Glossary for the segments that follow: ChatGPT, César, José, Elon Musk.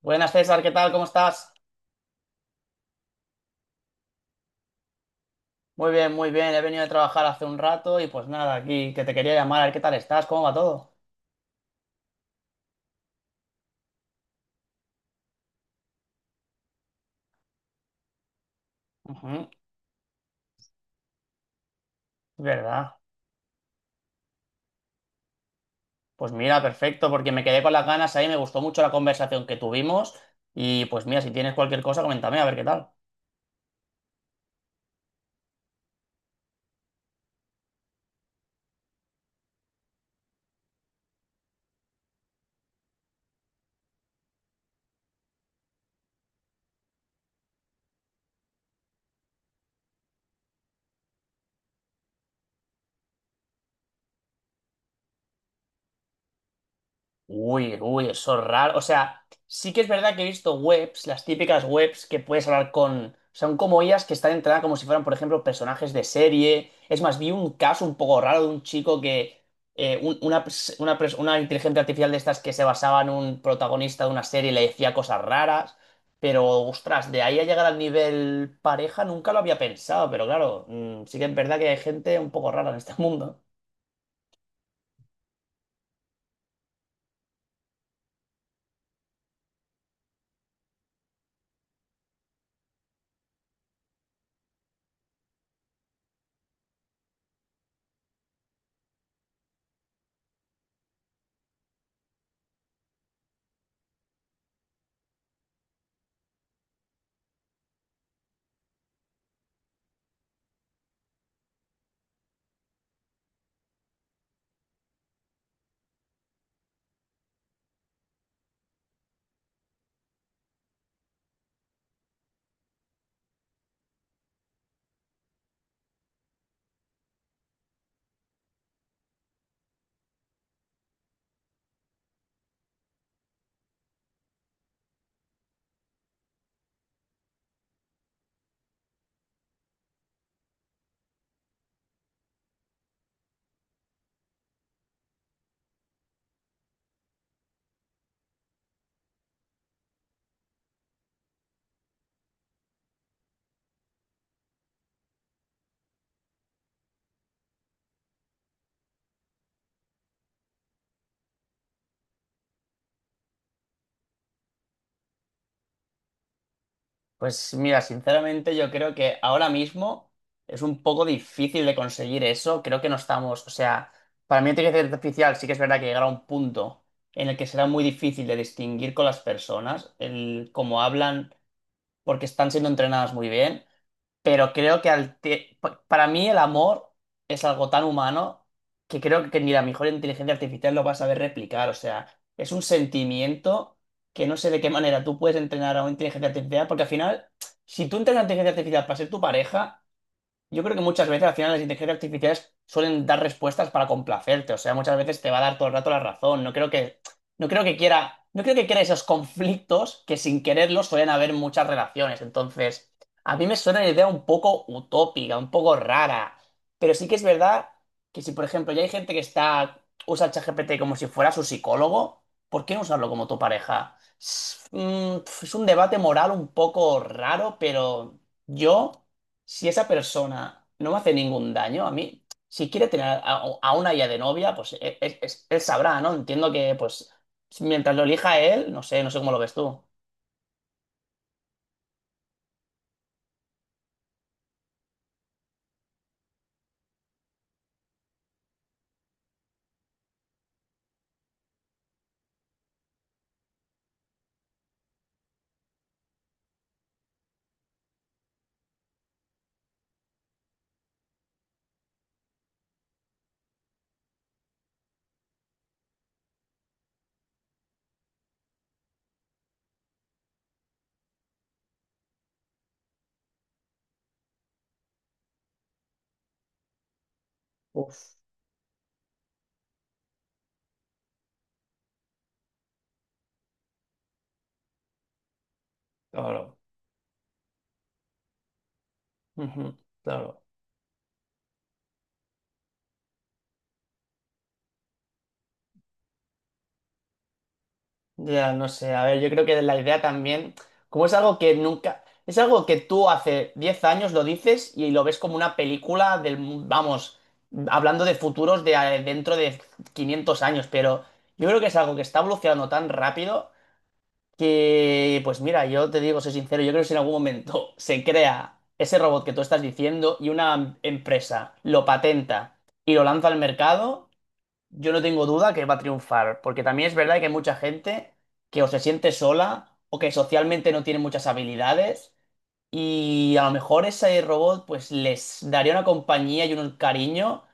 Buenas César, ¿qué tal? ¿Cómo estás? Muy bien, muy bien. He venido de trabajar hace un rato y pues nada, aquí que te quería llamar a ver qué tal estás, cómo va todo. Ujú, ¿verdad? Pues mira, perfecto, porque me quedé con las ganas ahí, me gustó mucho la conversación que tuvimos y pues mira, si tienes cualquier cosa, coméntame a ver qué tal. Uy, uy, eso es raro. O sea, sí que es verdad que he visto webs, las típicas webs que puedes hablar con. Son como ellas que están entradas como si fueran, por ejemplo, personajes de serie. Es más, vi un caso un poco raro de un chico que. Una inteligencia artificial de estas que se basaba en un protagonista de una serie y le decía cosas raras. Pero, ostras, de ahí a llegar al nivel pareja nunca lo había pensado. Pero claro, sí que es verdad que hay gente un poco rara en este mundo. Pues mira, sinceramente yo creo que ahora mismo es un poco difícil de conseguir eso. Creo que no estamos, o sea, para mí la inteligencia artificial sí que es verdad que llegará a un punto en el que será muy difícil de distinguir con las personas, el cómo hablan, porque están siendo entrenadas muy bien. Pero creo que para mí el amor es algo tan humano que creo que ni la mejor inteligencia artificial lo va a saber replicar. O sea, es un sentimiento que no sé de qué manera tú puedes entrenar a una inteligencia artificial, porque al final, si tú entrenas a una inteligencia artificial para ser tu pareja, yo creo que muchas veces al final las inteligencias artificiales suelen dar respuestas para complacerte, o sea, muchas veces te va a dar todo el rato la razón. No creo que, no creo que quiera, no creo que quiera esos conflictos que sin quererlos suelen haber en muchas relaciones. Entonces, a mí me suena una idea un poco utópica, un poco rara, pero sí que es verdad que si, por ejemplo, ya hay gente que está usa el ChatGPT como si fuera su psicólogo, ¿por qué no usarlo como tu pareja? Es, es un debate moral un poco raro, pero yo si esa persona no me hace ningún daño, a mí, si quiere tener a una ya de novia, pues él, sabrá, ¿no? Entiendo que, pues, mientras lo elija él, no sé, no sé cómo lo ves tú. Uf, claro, ujú, claro. Ya, no sé, a ver, yo creo que la idea también, como es algo que nunca, es algo que tú hace 10 años lo dices y lo ves como una película vamos, hablando de futuros de dentro de 500 años, pero yo creo que es algo que está evolucionando tan rápido. Que, pues mira, yo te digo, soy sincero, yo creo que si en algún momento se crea ese robot que tú estás diciendo y una empresa lo patenta y lo lanza al mercado, yo no tengo duda que va a triunfar, porque también es verdad que hay mucha gente que o se siente sola o que socialmente no tiene muchas habilidades y a lo mejor ese robot pues les daría una compañía y un cariño,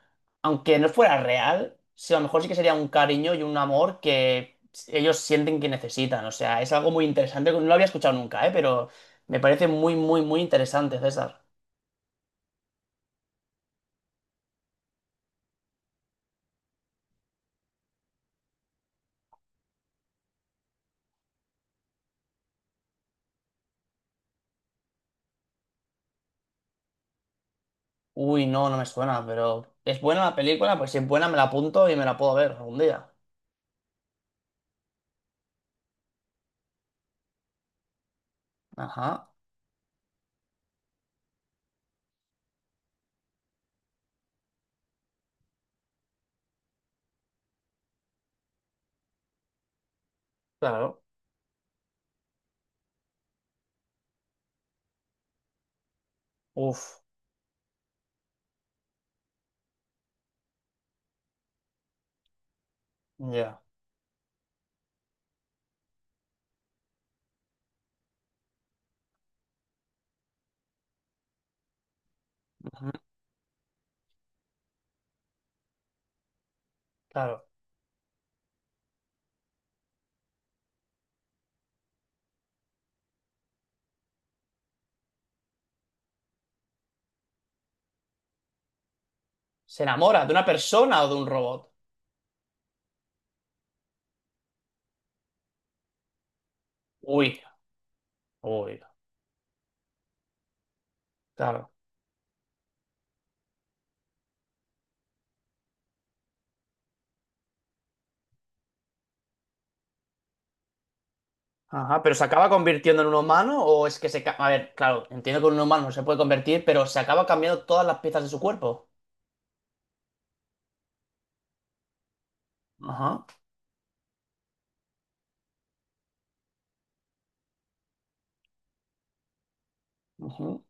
aunque no fuera real, sí, a lo mejor sí que sería un cariño y un amor que ellos sienten que necesitan. O sea, es algo muy interesante, no lo había escuchado nunca, ¿eh? Pero me parece muy, muy, muy interesante, César. Uy, no, no me suena, pero ¿es buena la película? Pues si es buena me la apunto y me la puedo ver algún día. Ajá, claro. Uf, ya. Ujú, claro. ¿Se enamora de una persona o de un robot? Uy, uy, claro. Ajá, pero ¿se acaba convirtiendo en un humano o es que se. A ver, claro, entiendo que un humano no se puede convertir, pero se acaba cambiando todas las piezas de su cuerpo. Ajá. Ujú.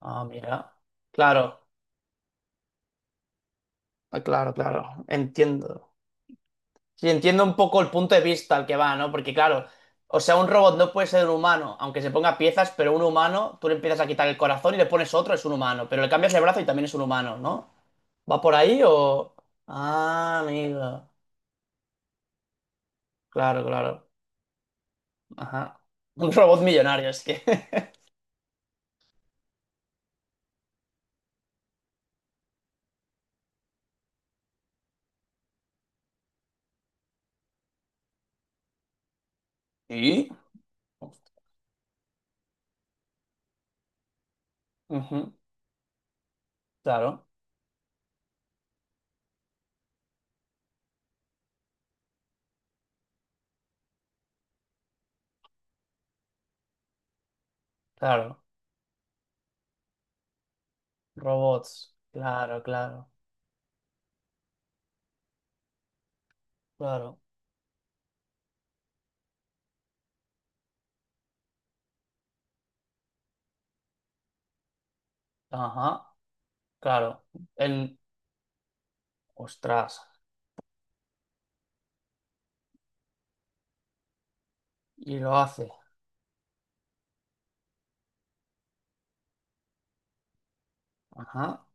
Ah, mira. Claro, ah, claro, claro. Entiendo. Sí, entiendo un poco el punto de vista al que va, ¿no? Porque claro, o sea, un robot no puede ser un humano, aunque se ponga piezas, pero un humano, tú le empiezas a quitar el corazón y le pones otro, es un humano, pero le cambias el brazo y también es un humano, ¿no? ¿Va por ahí o? Ah, amigo. Claro, claro. Ajá. Un robot millonario, es que. ¿Y? Ujú, claro, claro. Robots. Claro, claro, claro. Ajá, claro. El. Ostras. Y lo hace. Ajá.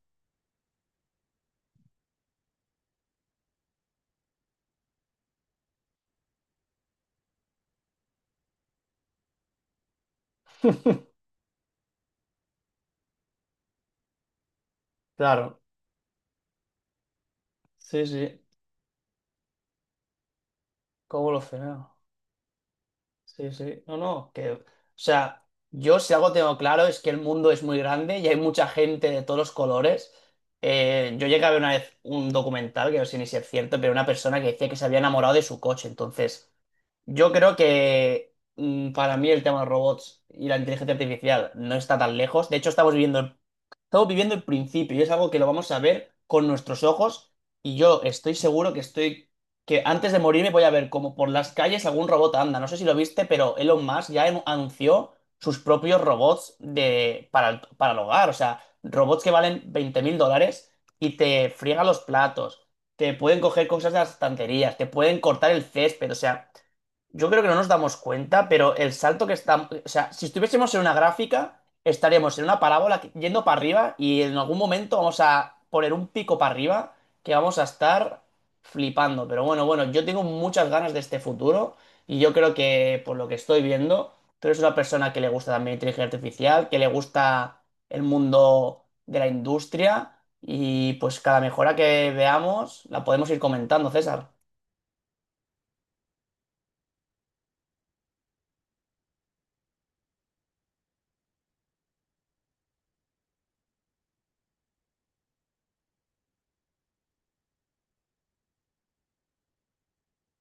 Claro. Sí, sí. ¿Cómo lo freno? Sí, sí. No, no, que. O sea, yo si algo tengo claro es que el mundo es muy grande y hay mucha gente de todos los colores. Yo llegué a ver una vez un documental, que no sé ni si es cierto, pero una persona que decía que se había enamorado de su coche. Entonces, yo creo que para mí el tema de los robots y la inteligencia artificial no está tan lejos. De hecho, Estamos viviendo el principio y es algo que lo vamos a ver con nuestros ojos y yo estoy seguro que que antes de morirme voy a ver como por las calles algún robot anda. No sé si lo viste, pero Elon Musk ya anunció sus propios robots para el hogar. O sea, robots que valen $20.000 y te friegan los platos, te pueden coger cosas de las estanterías, te pueden cortar el césped. O sea, yo creo que no nos damos cuenta, pero el salto que está. O sea, si estuviésemos en una gráfica estaríamos en una parábola yendo para arriba y en algún momento vamos a poner un pico para arriba que vamos a estar flipando. Pero bueno, bueno, yo tengo muchas ganas de este futuro y yo creo que por lo que estoy viendo, tú eres una persona que le gusta también la inteligencia artificial, que le gusta el mundo de la industria y pues cada mejora que veamos la podemos ir comentando, César.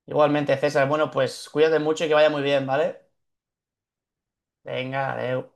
Igualmente, César, bueno, pues cuídate mucho y que vaya muy bien, ¿vale? Venga, adeu.